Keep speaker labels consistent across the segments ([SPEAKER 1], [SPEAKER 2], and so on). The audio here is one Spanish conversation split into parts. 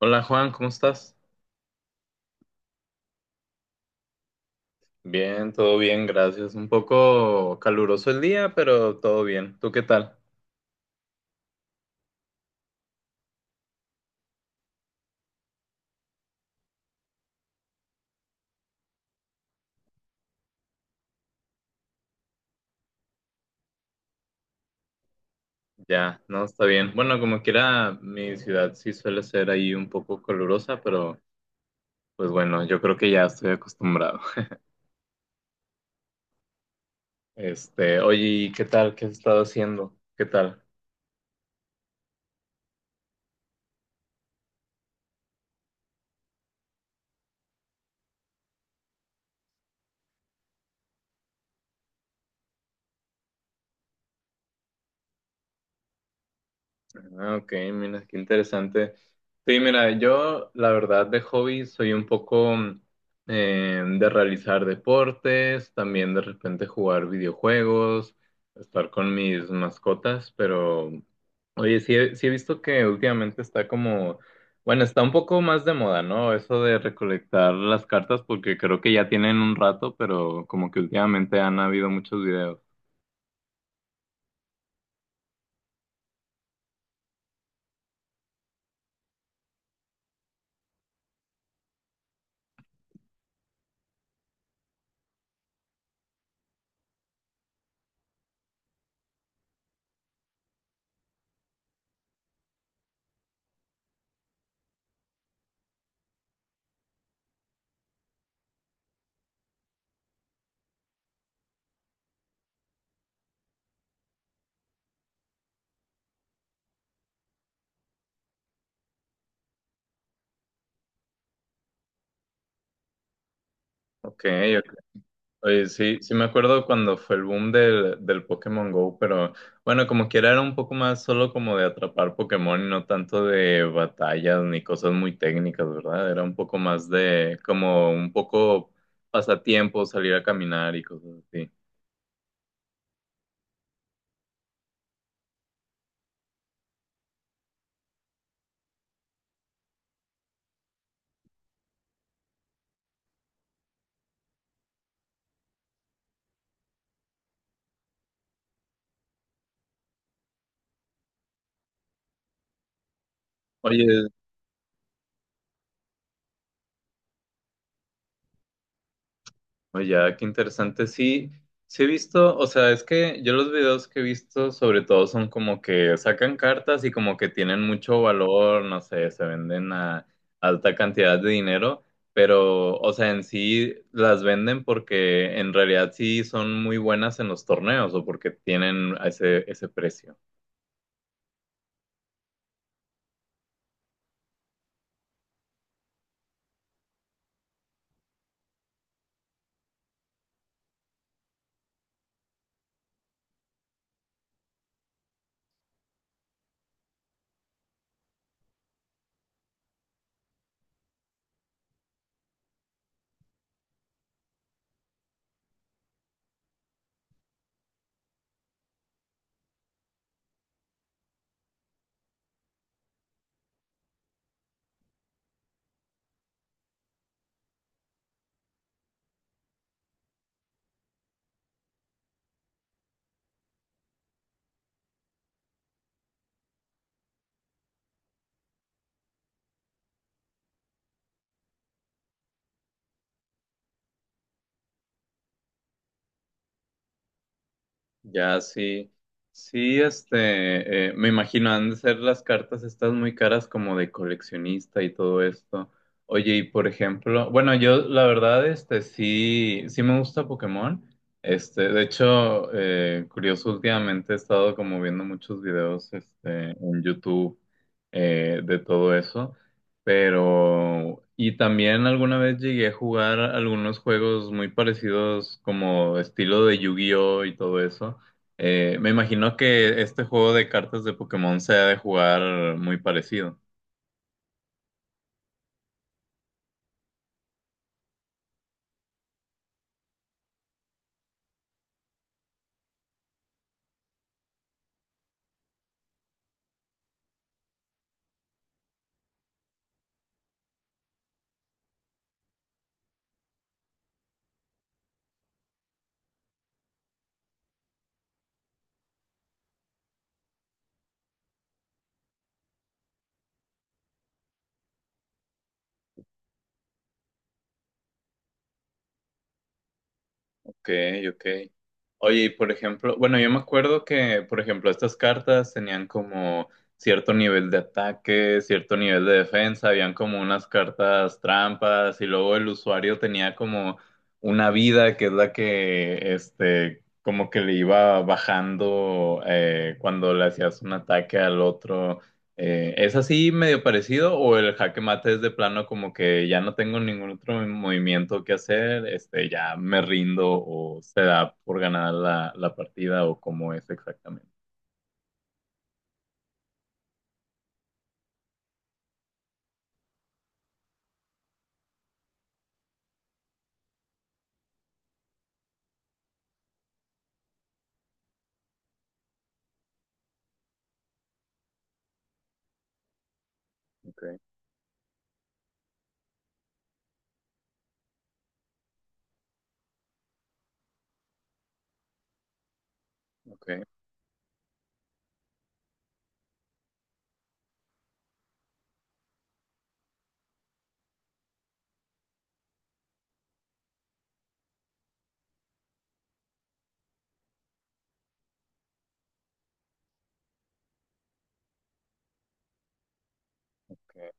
[SPEAKER 1] Hola Juan, ¿cómo estás? Bien, todo bien, gracias. Un poco caluroso el día, pero todo bien. ¿Tú qué tal? Ya, no, está bien. Bueno, como quiera, mi ciudad sí suele ser ahí un poco calurosa, pero pues bueno, yo creo que ya estoy acostumbrado. Oye, ¿y qué tal? ¿Qué has estado haciendo? ¿Qué tal? Ah, ok, mira, qué interesante. Sí, mira, yo la verdad de hobby soy un poco de realizar deportes, también de repente jugar videojuegos, estar con mis mascotas, pero oye, sí he visto que últimamente está como, bueno, está un poco más de moda, ¿no? Eso de recolectar las cartas porque creo que ya tienen un rato, pero como que últimamente han habido muchos videos. Ok. Oye, sí me acuerdo cuando fue el boom del Pokémon Go, pero bueno, como quiera era un poco más solo como de atrapar Pokémon y no tanto de batallas ni cosas muy técnicas, ¿verdad? Era un poco más de como un poco pasatiempo, salir a caminar y cosas así. Oye, Oye, ah, qué interesante. Sí, sí he visto, o sea, es que yo los videos que he visto sobre todo son como que sacan cartas y como que tienen mucho valor, no sé, se venden a alta cantidad de dinero, pero, o sea, en sí las venden porque en realidad sí son muy buenas en los torneos o porque tienen ese precio. Ya, sí. Sí, me imagino, han de ser las cartas estas muy caras como de coleccionista y todo esto. Oye, y por ejemplo, bueno, yo la verdad, sí me gusta Pokémon. De hecho, curioso, últimamente he estado como viendo muchos videos, en YouTube, de todo eso. Pero, y también alguna vez llegué a jugar algunos juegos muy parecidos como estilo de Yu-Gi-Oh y todo eso. Me imagino que este juego de cartas de Pokémon se ha de jugar muy parecido. Ok, ok. Oye, y por ejemplo, bueno, yo me acuerdo que, por ejemplo, estas cartas tenían como cierto nivel de ataque, cierto nivel de defensa, habían como unas cartas trampas y luego el usuario tenía como una vida que es la que, como que le iba bajando cuando le hacías un ataque al otro. ¿Es así medio parecido o el jaque mate es de plano como que ya no tengo ningún otro movimiento que hacer, ya me rindo o se da por ganar la partida o cómo es exactamente? Okay, ok, ok.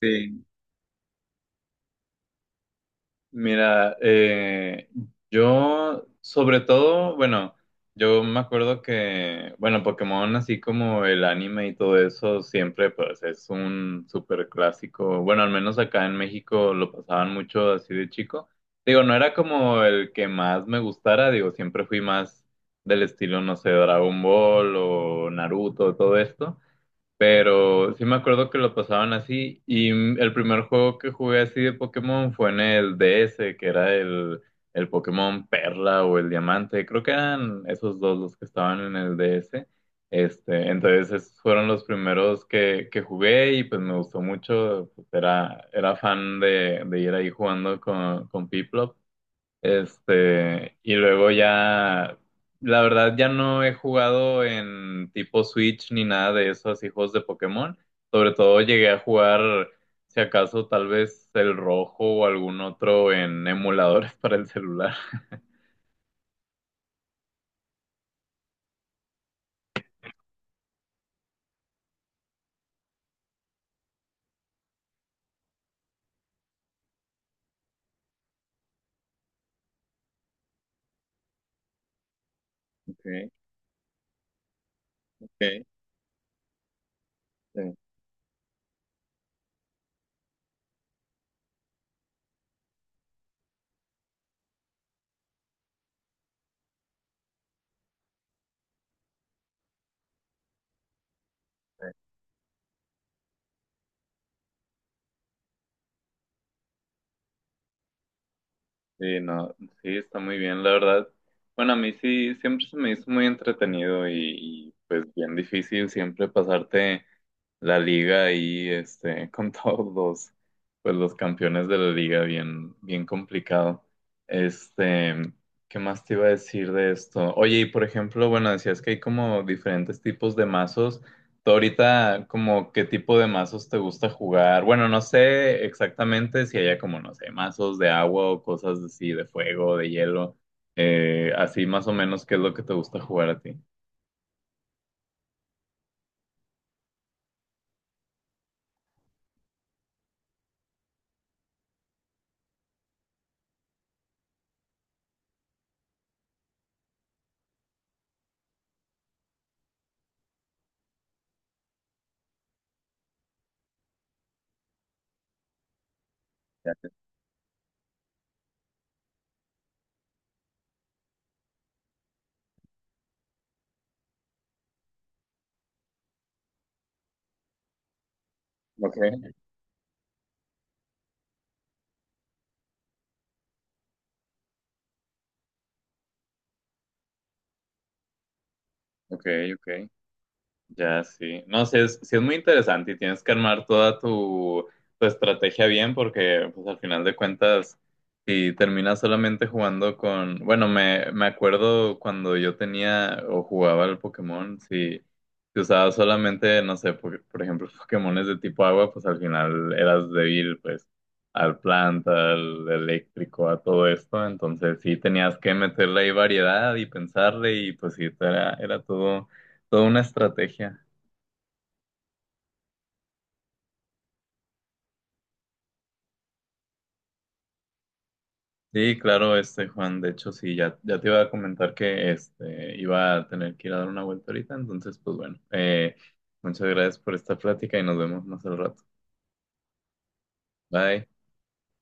[SPEAKER 1] Sí. Mira, yo sobre todo, bueno, yo me acuerdo que, bueno, Pokémon, así como el anime y todo eso, siempre pues es un súper clásico. Bueno, al menos acá en México lo pasaban mucho así de chico. Digo, no era como el que más me gustara, digo, siempre fui más del estilo, no sé, Dragon Ball o Naruto, todo esto. Pero sí me acuerdo que lo pasaban así. Y mm, el primer juego que jugué así de Pokémon fue en el DS, que era el Pokémon Perla o el Diamante. Creo que eran esos dos los que estaban en el DS. Entonces esos fueron los primeros que jugué y pues me gustó mucho. Pues, era fan de ir ahí jugando con Piplup. Y luego ya, la verdad ya no he jugado en tipo Switch ni nada de eso, así juegos de Pokémon. Sobre todo llegué a jugar, si acaso, tal vez el rojo o algún otro en emuladores para el celular. Okay, okay, sí. Sí, sí, no, sí, está muy bien, la verdad. Bueno, a mí sí, siempre se me hizo muy entretenido y, pues bien difícil siempre pasarte la liga ahí, con todos los, pues los campeones de la liga, bien, bien complicado. Este, ¿Qué más te iba a decir de esto? Oye, y por ejemplo, bueno, decías que hay como diferentes tipos de mazos. ¿Tú ahorita como qué tipo de mazos te gusta jugar? Bueno, no sé exactamente si haya como, no sé, mazos de agua o cosas así, de fuego, de hielo. Así más o menos, ¿qué es lo que te gusta jugar a ti? Ya. Ok, ok, ok. Ya, sí. No, sí es muy interesante y tienes que armar toda tu, tu estrategia bien porque, pues, al final de cuentas, si terminas solamente jugando con... Bueno, me acuerdo cuando yo tenía o jugaba al Pokémon, si usabas solamente, no sé, por ejemplo, Pokémones de tipo agua, pues al final eras débil, pues, al planta, al eléctrico, a todo esto. Entonces, sí tenías que meterle ahí variedad y pensarle y, pues, sí, era todo toda una estrategia. Sí, claro, este Juan, de hecho sí, ya te iba a comentar que este iba a tener que ir a dar una vuelta ahorita, entonces pues bueno, muchas gracias por esta plática y nos vemos más al rato. Bye.